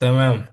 تمام.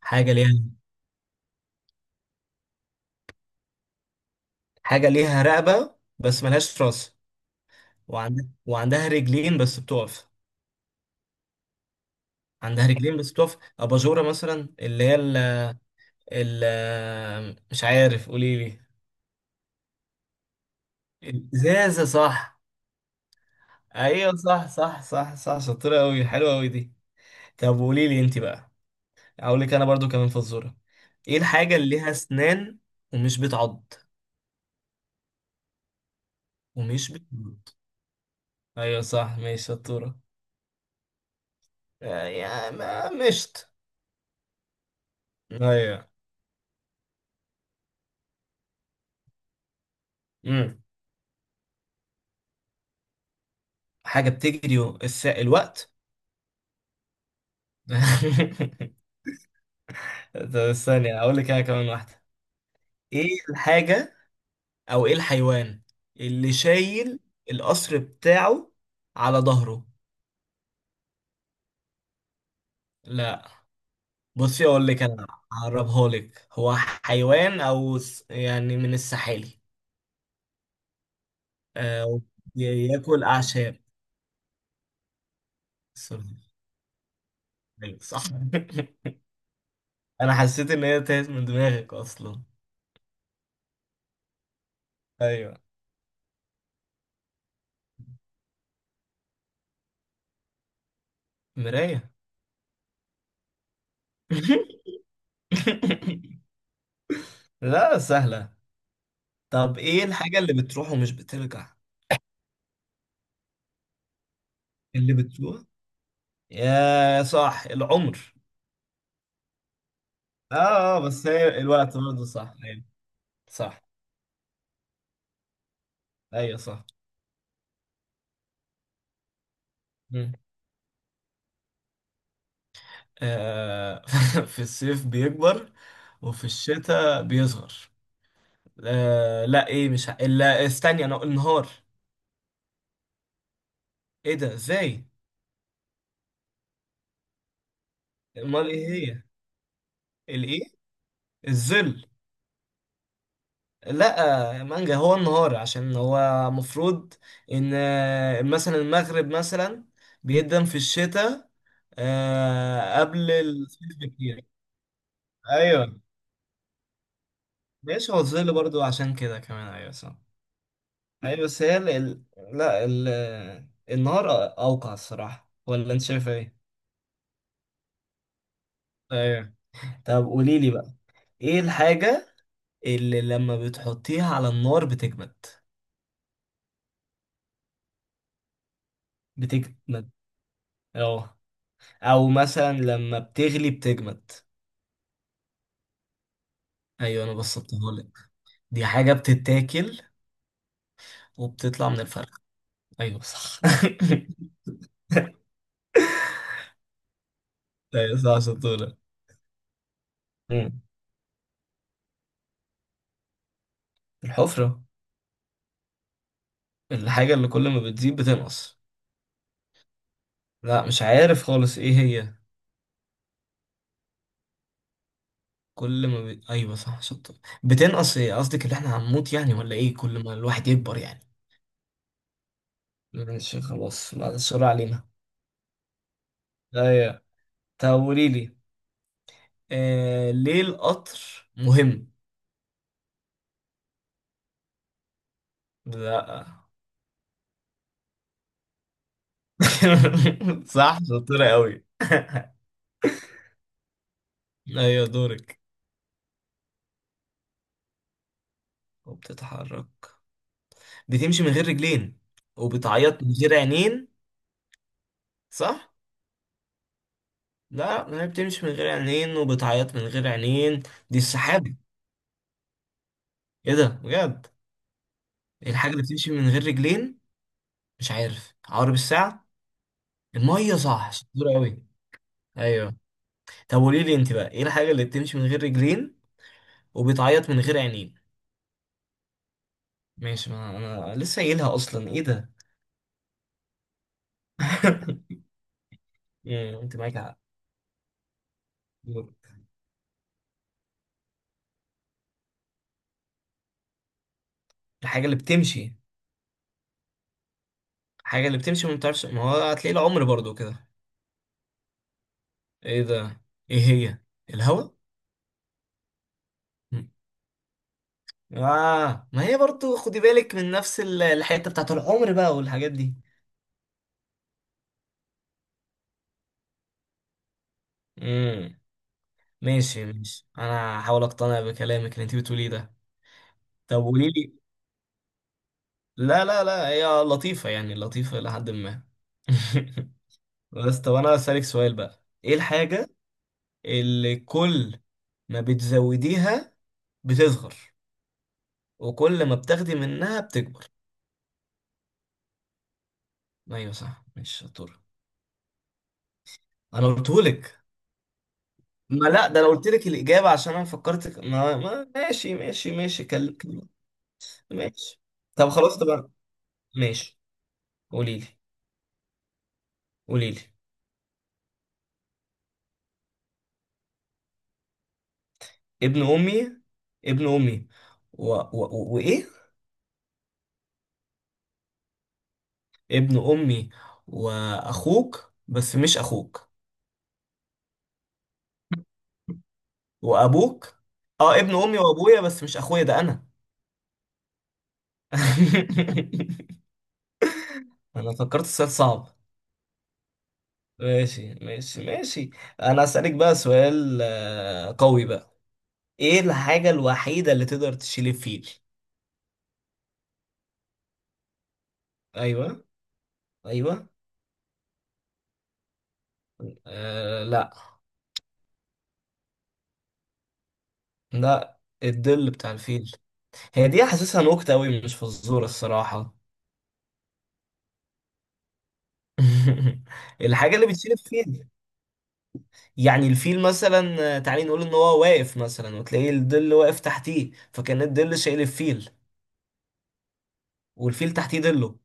حاجة ليها حاجة ليها رقبة بس ملهاش راس، وعندها رجلين بس بتقف. عندها رجلين بس بتقف، أباجورة مثلا، اللي هي مش عارف، قولي لي. الإزازة صح؟ أيوة، صح صح صح صح، شطورة أوي، حلوة أوي دي. طب قولي لي أنت بقى. أقول لك أنا برضو كمان فزورة: إيه الحاجة اللي ليها أسنان ومش بتعض ومش بتعض؟ أيوة صح، ماشي شطورة. آه، يا ما مشت. أيوة. مم. حاجة بتجري الوقت. طب استني اقول لك انا كمان واحدة. ايه الحاجة او ايه الحيوان اللي شايل القصر بتاعه على ظهره؟ لا، بصي اقول لك انا، هقربها لك، هو حيوان يعني من السحالي. آه، ياكل اعشاب. سوري. أيوة، صح. انا حسيت ان هي تاهت من دماغك اصلا. ايوه. مراية. لا سهلة. طب ايه الحاجة اللي بتروح ومش بترجع؟ اللي بتروح؟ يا صح العمر. اه آه، بس هي الوقت برضه صح، ايوه. صح، ايوه صح. مم. آه. في الصيف بيكبر وفي الشتاء بيصغر. آه، لا، ايه، مش ه- لا استني، انا النهار. ايه ده، ازاي؟ امال ايه هي؟ الايه؟ الظل؟ لا، مانجا، هو النهار، عشان هو مفروض ان، مثلا المغرب مثلا بيقدم في الشتاء، آه، قبل الصيف بكتير. ايوه، ماشي، هو الظل برضو عشان كده كمان، ايوه صح. ايوه، بس هي لا النهار، اوقع الصراحه، ولا انت شايف ايه؟ ايوه. طب قولي لي بقى، ايه الحاجه اللي لما بتحطيها على النار بتجمد؟ بتجمد، اه، او مثلا لما بتغلي بتجمد. ايوه، انا بسطتها لك. دي حاجه بتتاكل وبتطلع من الفرخ. ايوه صح. ايوه صح، شطوره. الحفرة؟ الحاجة اللي كل ما بتزيد بتنقص. لا، مش عارف خالص، ايه هي؟ كل ما ب... ايوه صح، شطة بتنقص، ايه قصدك، اللي احنا هنموت يعني، ولا ايه، كل ما الواحد يكبر يعني؟ ماشي خلاص، بعد السؤال علينا. ايوه. طب قولي لي، ليه القطر مهم؟ لا. صح، شطورة قوي. ايوه دورك. وبتتحرك، بتمشي من غير رجلين وبتعيط من غير عينين؟ صح. لا، ما هي بتمشي من غير عينين وبتعيط من غير عينين. دي السحابة. ايه ده، بجد؟ إيه الحاجة اللي بتمشي من غير رجلين؟ مش عارف، عقرب الساعة؟ المية؟ صح شطورة أوي. أيوه. طب قولي لي أنت بقى، ايه الحاجة اللي بتمشي من غير رجلين وبتعيط من غير عينين؟ ماشي، ما أنا لسه قايلها أصلا، ايه ده. أنت معاك حق. الحاجة اللي بتمشي الحاجة اللي بتمشي، ما بتعرفش، ما هو هتلاقي العمر برضو كده. ايه ده، ايه هي؟ الهوا؟ اه، ما هي برضو، خدي بالك، من نفس الحته بتاعت العمر بقى، والحاجات دي. امم. ماشي ماشي، انا هحاول اقتنع بكلامك اللي انت بتقوليه ده. طب قولي لي. لا لا لا، هي لطيفه يعني، لطيفه لحد ما. بس طب انا اسالك سؤال بقى، ايه الحاجه اللي كل ما بتزوديها بتصغر، وكل ما بتاخدي منها بتكبر؟ ايوه صح، مش شطوره؟ انا قلتهولك. ما لا، ده لو قلت لك الإجابة عشان أنا فكرتك، ما... ما ماشي ماشي ماشي، ماشي. طب خلاص، طبعا، ماشي، قولي لي قولي لي. ابن أمي ابن أمي، وإيه؟ ابن أمي وأخوك بس مش أخوك وأبوك. أه، ابن أمي وأبويا بس مش أخويا، ده أنا. أنا فكرت السؤال صعب. ماشي ماشي ماشي. أنا أسألك بقى سؤال قوي بقى: ايه الحاجة الوحيدة اللي تقدر تشيل الفيل؟ ايوه، ايوه. آه لا. لا، الظل بتاع الفيل. هي دي حاسسها نكتة قوي، مش فزورة الصراحة. الحاجة اللي بتشيل الفيل، يعني الفيل مثلا، تعالي نقول ان هو واقف مثلا، وتلاقيه الظل واقف تحتيه، فكان الظل شايل الفيل والفيل تحتيه ظله.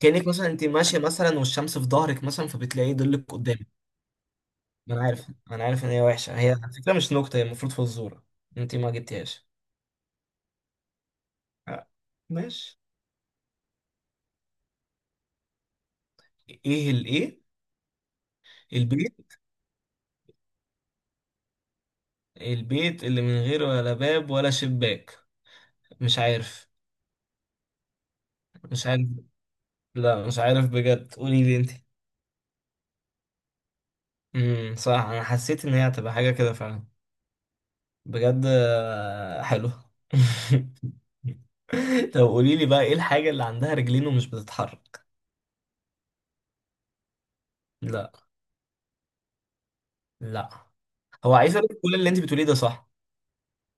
كأنك مثلا انت ماشية مثلا والشمس في ظهرك مثلا، فبتلاقي ظلك قدامك. ما انا عارف ان هي وحشة، هي على فكرة مش نكتة، هي المفروض فزورة. انت ما جبتيهاش. آه، ماشي. ايه الايه؟ البيت؟ البيت اللي من غير ولا باب ولا شباك. مش عارف، مش عارف. لا، مش عارف بجد، قولي لي انت. امم، صح، انا حسيت ان هي هتبقى حاجه كده فعلا، بجد. حلو. طب قولي لي بقى، ايه الحاجه اللي عندها رجلين ومش بتتحرك؟ لا. لا. هو عايز اقول لك كل اللي انت بتقوليه ده صح.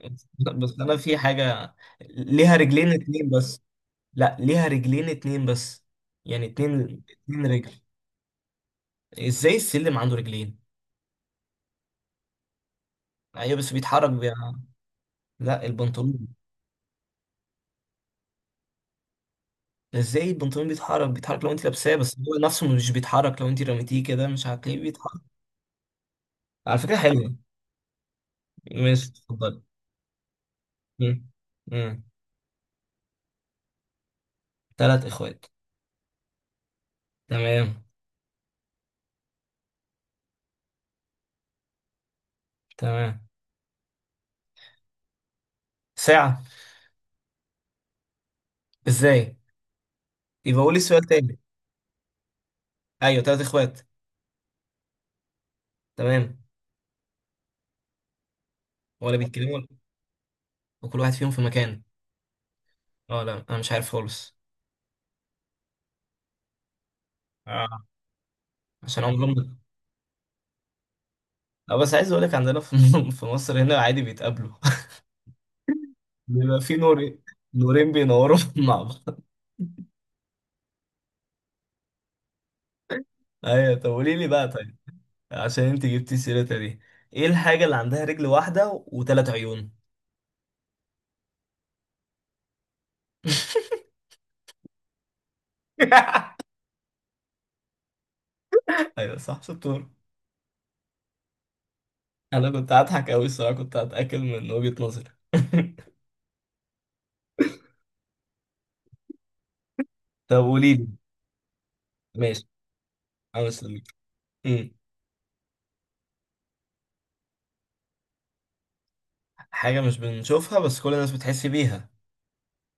بس انا في حاجه ليها رجلين اتنين بس. لا، ليها رجلين اتنين بس، يعني اتنين، اتنين رجل. ازاي السلم عنده رجلين؟ ايوه بس بيتحرك، لا، البنطلون. ازاي البنطلون بيتحرك؟ بيتحرك لو انت لابساه، بس هو نفسه مش بيتحرك، لو انت رميتيه كده مش هتلاقيه بيتحرك. على فكرة حلوة. ماشي، اتفضل. مم. مم. تلات اخوات. تمام. تمام. ساعة؟ ازاي، يبقى قولي السؤال تاني. ايوه، تلات اخوات. تمام. ولا بيتكلموا وكل واحد فيهم في مكان. اه، لا انا مش عارف خالص. آه. عشان عمرهم. اه بس عايز اقول لك، عندنا في في مصر هنا عادي بيتقابلوا. بيبقى في نورين، نورين بينوروا مع بعض. ايوه. طب قولي لي بقى طيب، عشان انت جبتي سيرتها دي، ايه الحاجة اللي عندها رجل واحدة وثلاث عيون؟ ايوه صح، شطور. انا كنت هضحك قوي الصراحة، كنت هتأكد من وجهة نظري. طب قولي لي. ماشي، انا مستنيك. أمم. حاجة مش بنشوفها بس كل الناس بتحس بيها،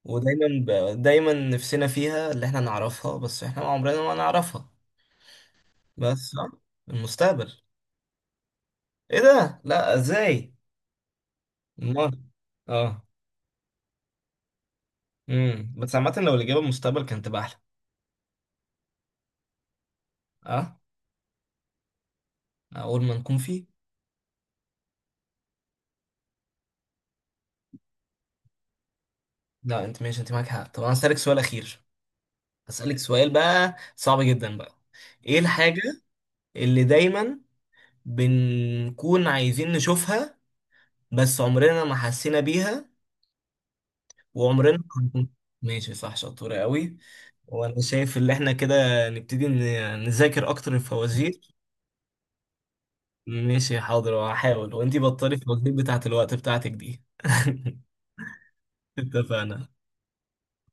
ودايما دايما نفسنا فيها، اللي احنا نعرفها بس احنا عمرنا ما نعرفها. بس المستقبل. ايه ده، لا، ازاي؟ امال. اه. امم، بس عامه لو الاجابه المستقبل كانت تبقى احلى. اه، اول ما نكون فيه. لا انت ماشي، انت معاك حق، طب انا هسألك سؤال اخير. هسألك سؤال بقى صعب جدا بقى: ايه الحاجه اللي دايما بنكون عايزين نشوفها، بس عمرنا ما حسينا بيها، وعمرنا ما هنكون-؟ ماشي صح، شطوره قوي. وانا شايف ان احنا كده نبتدي نذاكر اكتر الفوازير. ماشي حاضر، وهحاول، وانتي بطلي الفوازير بتاعت الوقت بتاعتك دي. اتفقنا.